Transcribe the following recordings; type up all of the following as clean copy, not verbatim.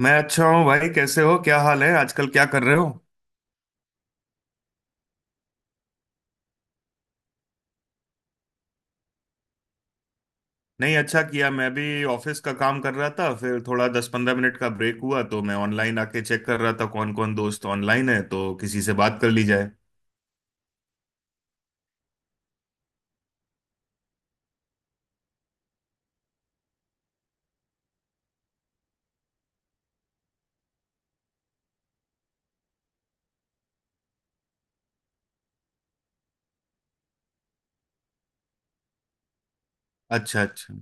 मैं अच्छा हूँ भाई। कैसे हो? क्या हाल है आजकल? क्या कर रहे हो? नहीं, अच्छा किया। मैं भी ऑफिस का काम कर रहा था, फिर थोड़ा 10-15 मिनट का ब्रेक हुआ तो मैं ऑनलाइन आके चेक कर रहा था कौन कौन दोस्त ऑनलाइन है, तो किसी से बात कर ली जाए। अच्छा अच्छा।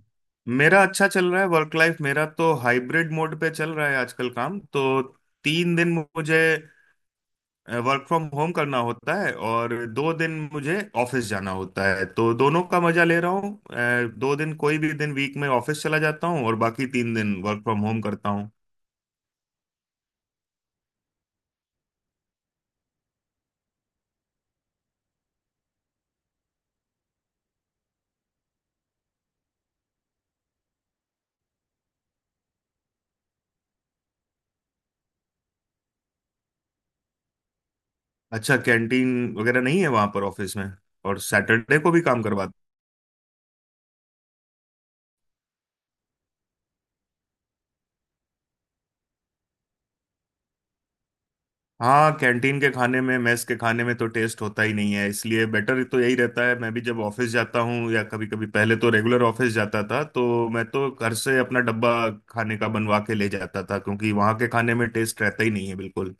मेरा अच्छा चल रहा है। वर्क लाइफ मेरा तो हाइब्रिड मोड पे चल रहा है आजकल। काम तो 3 दिन मुझे वर्क फ्रॉम होम करना होता है और 2 दिन मुझे ऑफिस जाना होता है, तो दोनों का मजा ले रहा हूँ। 2 दिन कोई भी दिन वीक में ऑफिस चला जाता हूँ और बाकी 3 दिन वर्क फ्रॉम होम करता हूँ। अच्छा, कैंटीन वगैरह नहीं है वहां पर ऑफिस में? और सैटरडे को भी काम करवाते? हाँ, कैंटीन के खाने में, मेस के खाने में तो टेस्ट होता ही नहीं है, इसलिए बेटर तो यही रहता है। मैं भी जब ऑफिस जाता हूँ, या कभी कभी, पहले तो रेगुलर ऑफिस जाता था तो मैं तो घर से अपना डब्बा खाने का बनवा के ले जाता था, क्योंकि वहाँ के खाने में टेस्ट रहता ही नहीं है बिल्कुल।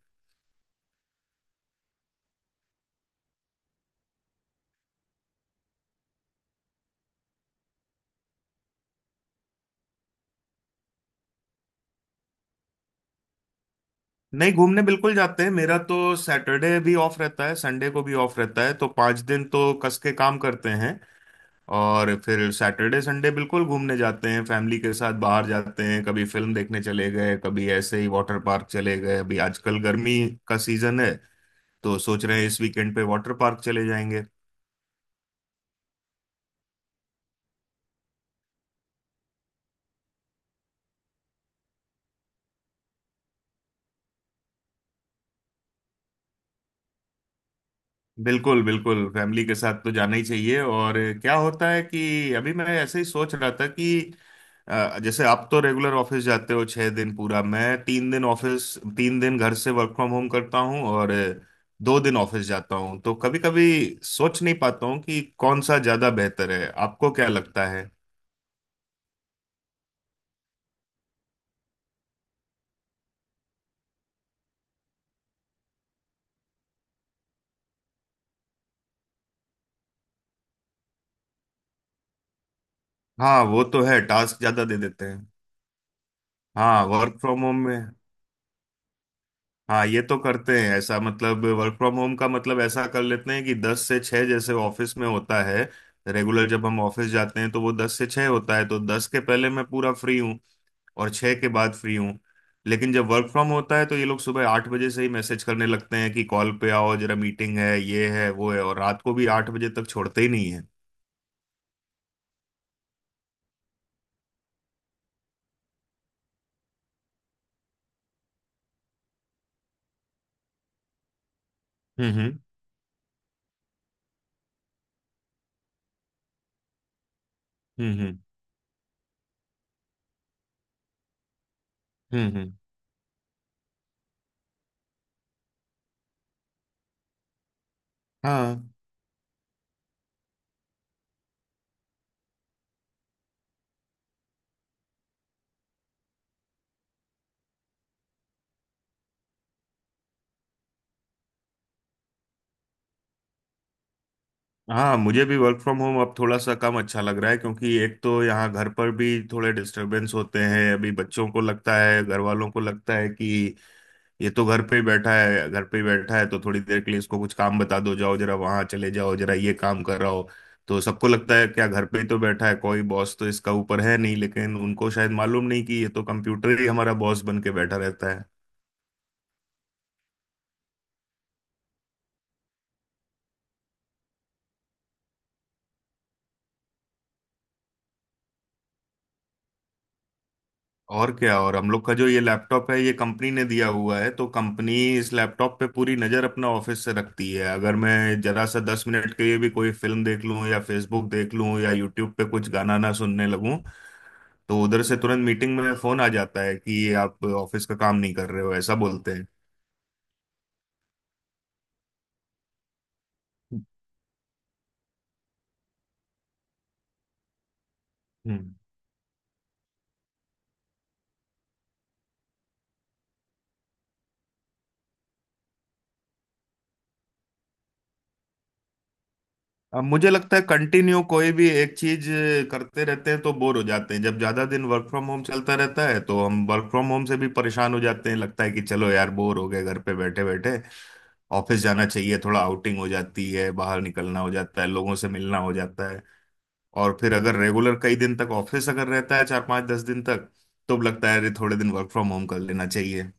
नहीं, घूमने बिल्कुल जाते हैं। मेरा तो सैटरडे भी ऑफ रहता है, संडे को भी ऑफ रहता है, तो 5 दिन तो कस के काम करते हैं और फिर सैटरडे संडे बिल्कुल घूमने जाते हैं, फैमिली के साथ बाहर जाते हैं। कभी फिल्म देखने चले गए, कभी ऐसे ही वाटर पार्क चले गए। अभी आजकल गर्मी का सीजन है, तो सोच रहे हैं इस वीकेंड पे वाटर पार्क चले जाएंगे। बिल्कुल बिल्कुल, फैमिली के साथ तो जाना ही चाहिए। और क्या होता है कि अभी मैं ऐसे ही सोच रहा था कि जैसे आप तो रेगुलर ऑफिस जाते हो 6 दिन पूरा, मैं 3 दिन ऑफिस 3 दिन घर से वर्क फ्रॉम होम करता हूँ और 2 दिन ऑफिस जाता हूँ, तो कभी कभी सोच नहीं पाता हूँ कि कौन सा ज्यादा बेहतर है। आपको क्या लगता है? हाँ, वो तो है, टास्क ज्यादा दे देते हैं। हाँ, वर्क फ्रॉम होम में, हाँ ये तो करते हैं ऐसा। मतलब वर्क फ्रॉम होम का मतलब ऐसा कर लेते हैं कि 10 से 6, जैसे ऑफिस में होता है। रेगुलर जब हम ऑफिस जाते हैं तो वो 10 से 6 होता है, तो दस के पहले मैं पूरा फ्री हूँ और छः के बाद फ्री हूँ। लेकिन जब वर्क फ्रॉम होता है तो ये लोग सुबह 8 बजे से ही मैसेज करने लगते हैं कि कॉल पे आओ, जरा मीटिंग है, ये है वो है, और रात को भी 8 बजे तक छोड़ते ही नहीं है। हम्म। हम्म। हम्म। हाँ। हाँ, मुझे भी वर्क फ्रॉम होम अब थोड़ा सा कम अच्छा लग रहा है, क्योंकि एक तो यहाँ घर पर भी थोड़े डिस्टरबेंस होते हैं। अभी बच्चों को लगता है, घर वालों को लगता है कि ये तो घर पे ही बैठा है, घर पे ही बैठा है, तो थोड़ी देर के लिए इसको कुछ काम बता दो, जाओ जरा वहाँ चले जाओ, जरा ये काम कर रहा हो। तो सबको लगता है क्या घर पे ही तो बैठा है, कोई बॉस तो इसका ऊपर है नहीं। लेकिन उनको शायद मालूम नहीं कि ये तो कंप्यूटर ही हमारा बॉस बन के बैठा रहता। और क्या। और हम लोग का जो ये लैपटॉप है, ये कंपनी ने दिया हुआ है, तो कंपनी इस लैपटॉप पे पूरी नज़र अपना ऑफिस से रखती है। अगर मैं जरा सा 10 मिनट के लिए भी कोई फिल्म देख लूं, या फेसबुक देख लूं, या यूट्यूब पे कुछ गाना ना सुनने लगूं, तो उधर से तुरंत मीटिंग में फोन आ जाता है कि ये आप ऑफिस का काम नहीं कर रहे हो, ऐसा बोलते हैं। हम्म। अब मुझे लगता है कंटिन्यू कोई भी एक चीज करते रहते हैं तो बोर हो जाते हैं। जब ज्यादा दिन वर्क फ्रॉम होम चलता रहता है तो हम वर्क फ्रॉम होम से भी परेशान हो जाते हैं, लगता है कि चलो यार बोर हो गए घर पे बैठे बैठे, ऑफिस जाना चाहिए, थोड़ा आउटिंग हो जाती है, बाहर निकलना हो जाता है, लोगों से मिलना हो जाता है। और फिर अगर रेगुलर कई दिन तक ऑफिस अगर रहता है, 4-5-10 दिन तक, तो लगता है अरे थोड़े दिन वर्क फ्रॉम होम कर लेना चाहिए।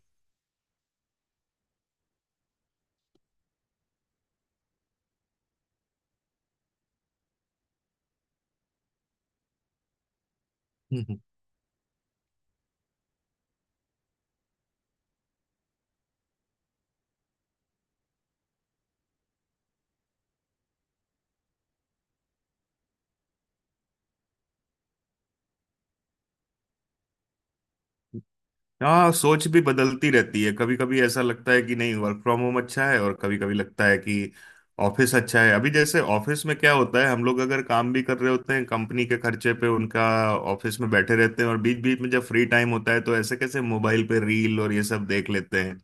हाँ, सोच भी बदलती रहती है। कभी कभी ऐसा लगता है कि नहीं वर्क फ्रॉम होम अच्छा है, और कभी कभी लगता है कि ऑफिस अच्छा है। अभी जैसे ऑफिस में क्या होता है, हम लोग अगर काम भी कर रहे होते हैं कंपनी के खर्चे पे, उनका ऑफिस में बैठे रहते हैं, और बीच बीच में जब फ्री टाइम होता है तो ऐसे कैसे मोबाइल पे रील और ये सब देख लेते हैं।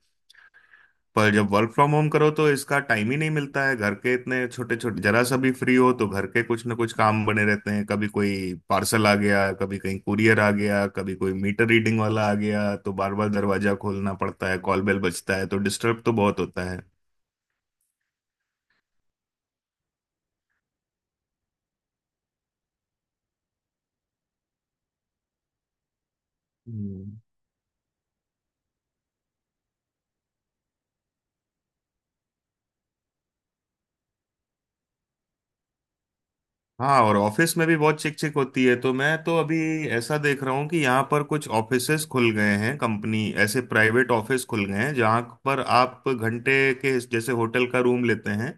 पर जब वर्क फ्रॉम होम करो तो इसका टाइम ही नहीं मिलता है। घर के इतने छोटे छोटे, जरा सा भी फ्री हो तो घर के कुछ ना कुछ काम बने रहते हैं। कभी कोई पार्सल आ गया, कभी कहीं कुरियर आ गया, कभी कोई मीटर रीडिंग वाला आ गया, तो बार बार दरवाजा खोलना पड़ता है, कॉल बेल बजता है, तो डिस्टर्ब तो बहुत होता है। हम्म, हाँ। और ऑफिस में भी बहुत चिक चिक होती है, तो मैं तो अभी ऐसा देख रहा हूँ कि यहाँ पर कुछ ऑफिसेस खुल गए हैं। कंपनी ऐसे प्राइवेट ऑफिस खुल गए हैं जहाँ पर आप घंटे के, जैसे होटल का रूम लेते हैं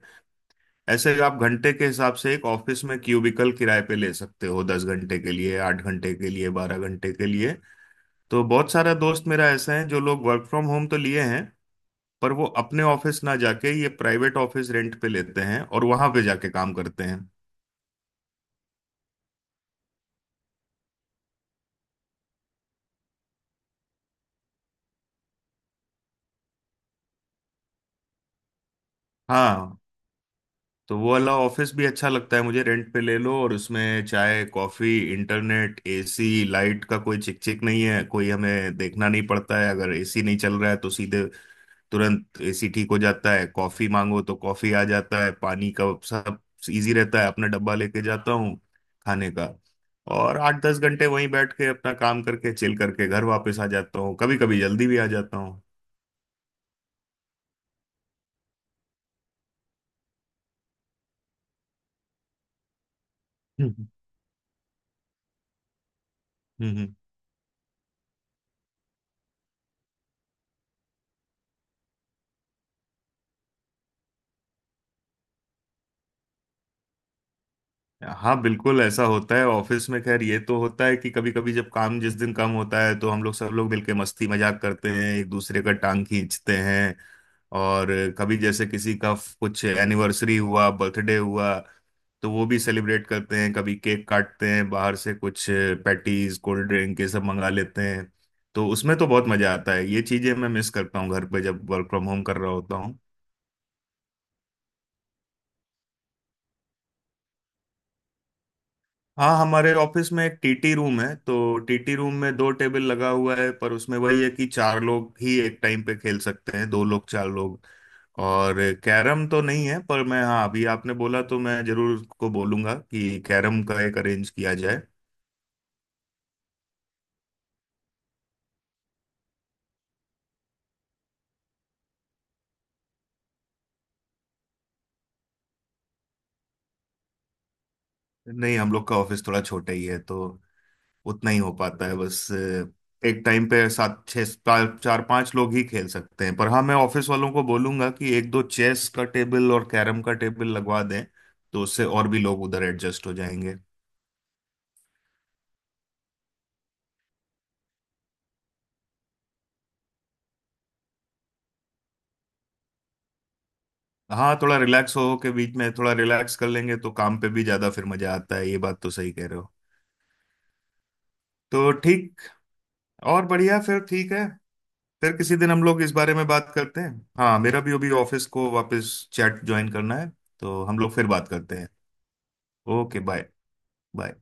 ऐसे ही, आप घंटे के हिसाब से एक ऑफिस में क्यूबिकल किराए पे ले सकते हो, 10 घंटे के लिए, 8 घंटे के लिए, 12 घंटे के लिए। तो बहुत सारा दोस्त मेरा ऐसा है, जो लोग वर्क फ्रॉम होम तो लिए हैं पर वो अपने ऑफिस ना जाके ये प्राइवेट ऑफिस रेंट पे लेते हैं और वहां पे जाके काम करते हैं। हाँ। तो वो वाला ऑफिस भी अच्छा लगता है मुझे। रेंट पे ले लो और उसमें चाय कॉफी इंटरनेट एसी लाइट का कोई चिक चिक नहीं है, कोई हमें देखना नहीं पड़ता है। अगर एसी नहीं चल रहा है तो सीधे तुरंत एसी ठीक हो जाता है, कॉफी मांगो तो कॉफी आ जाता है, पानी का सब इजी रहता है। अपना डब्बा लेके जाता हूँ खाने का, और 8-10 घंटे वहीं बैठ के अपना काम करके चिल करके घर वापस आ जाता हूँ। कभी कभी जल्दी भी आ जाता हूँ। हम्म हम्म, हम्म। हाँ बिल्कुल, ऐसा होता है ऑफिस में। खैर ये तो होता है कि कभी कभी जब काम, जिस दिन कम होता है तो हम लोग सब लोग मिलके मस्ती मजाक करते हैं, एक दूसरे का टांग खींचते हैं। और कभी जैसे किसी का कुछ एनिवर्सरी हुआ, बर्थडे हुआ, तो वो भी सेलिब्रेट करते हैं, कभी केक काटते हैं, बाहर से कुछ पैटीज कोल्ड ड्रिंक ये सब मंगा लेते हैं, तो उसमें तो बहुत मजा आता है। ये चीजें मैं मिस करता हूँ घर पे जब वर्क फ्रॉम होम कर रहा होता हूँ। हाँ, हमारे ऑफिस में एक टीटी रूम है, तो टीटी रूम में 2 टेबल लगा हुआ है, पर उसमें वही है कि चार लोग ही एक टाइम पे खेल सकते हैं, दो लोग चार लोग। और कैरम तो नहीं है, पर मैं, हाँ अभी आपने बोला तो मैं जरूर उसको बोलूंगा कि कैरम का एक अरेंज किया जाए। नहीं, हम लोग का ऑफिस थोड़ा छोटा ही है, तो उतना ही हो पाता है बस। एक टाइम पे सात छः चार चार पांच लोग ही खेल सकते हैं। पर हाँ, मैं ऑफिस वालों को बोलूंगा कि एक दो चेस का टेबल और कैरम का टेबल लगवा दें, तो उससे और भी लोग उधर एडजस्ट हो जाएंगे। हाँ, थोड़ा रिलैक्स हो के, बीच में थोड़ा रिलैक्स कर लेंगे तो काम पे भी ज्यादा फिर मजा आता है। ये बात तो सही कह रहे हो। तो ठीक। और बढ़िया, फिर ठीक है। फिर किसी दिन हम लोग इस बारे में बात करते हैं। हाँ मेरा भी अभी ऑफिस को वापस चैट ज्वाइन करना है, तो हम लोग फिर बात करते हैं। Okay bye. बाय।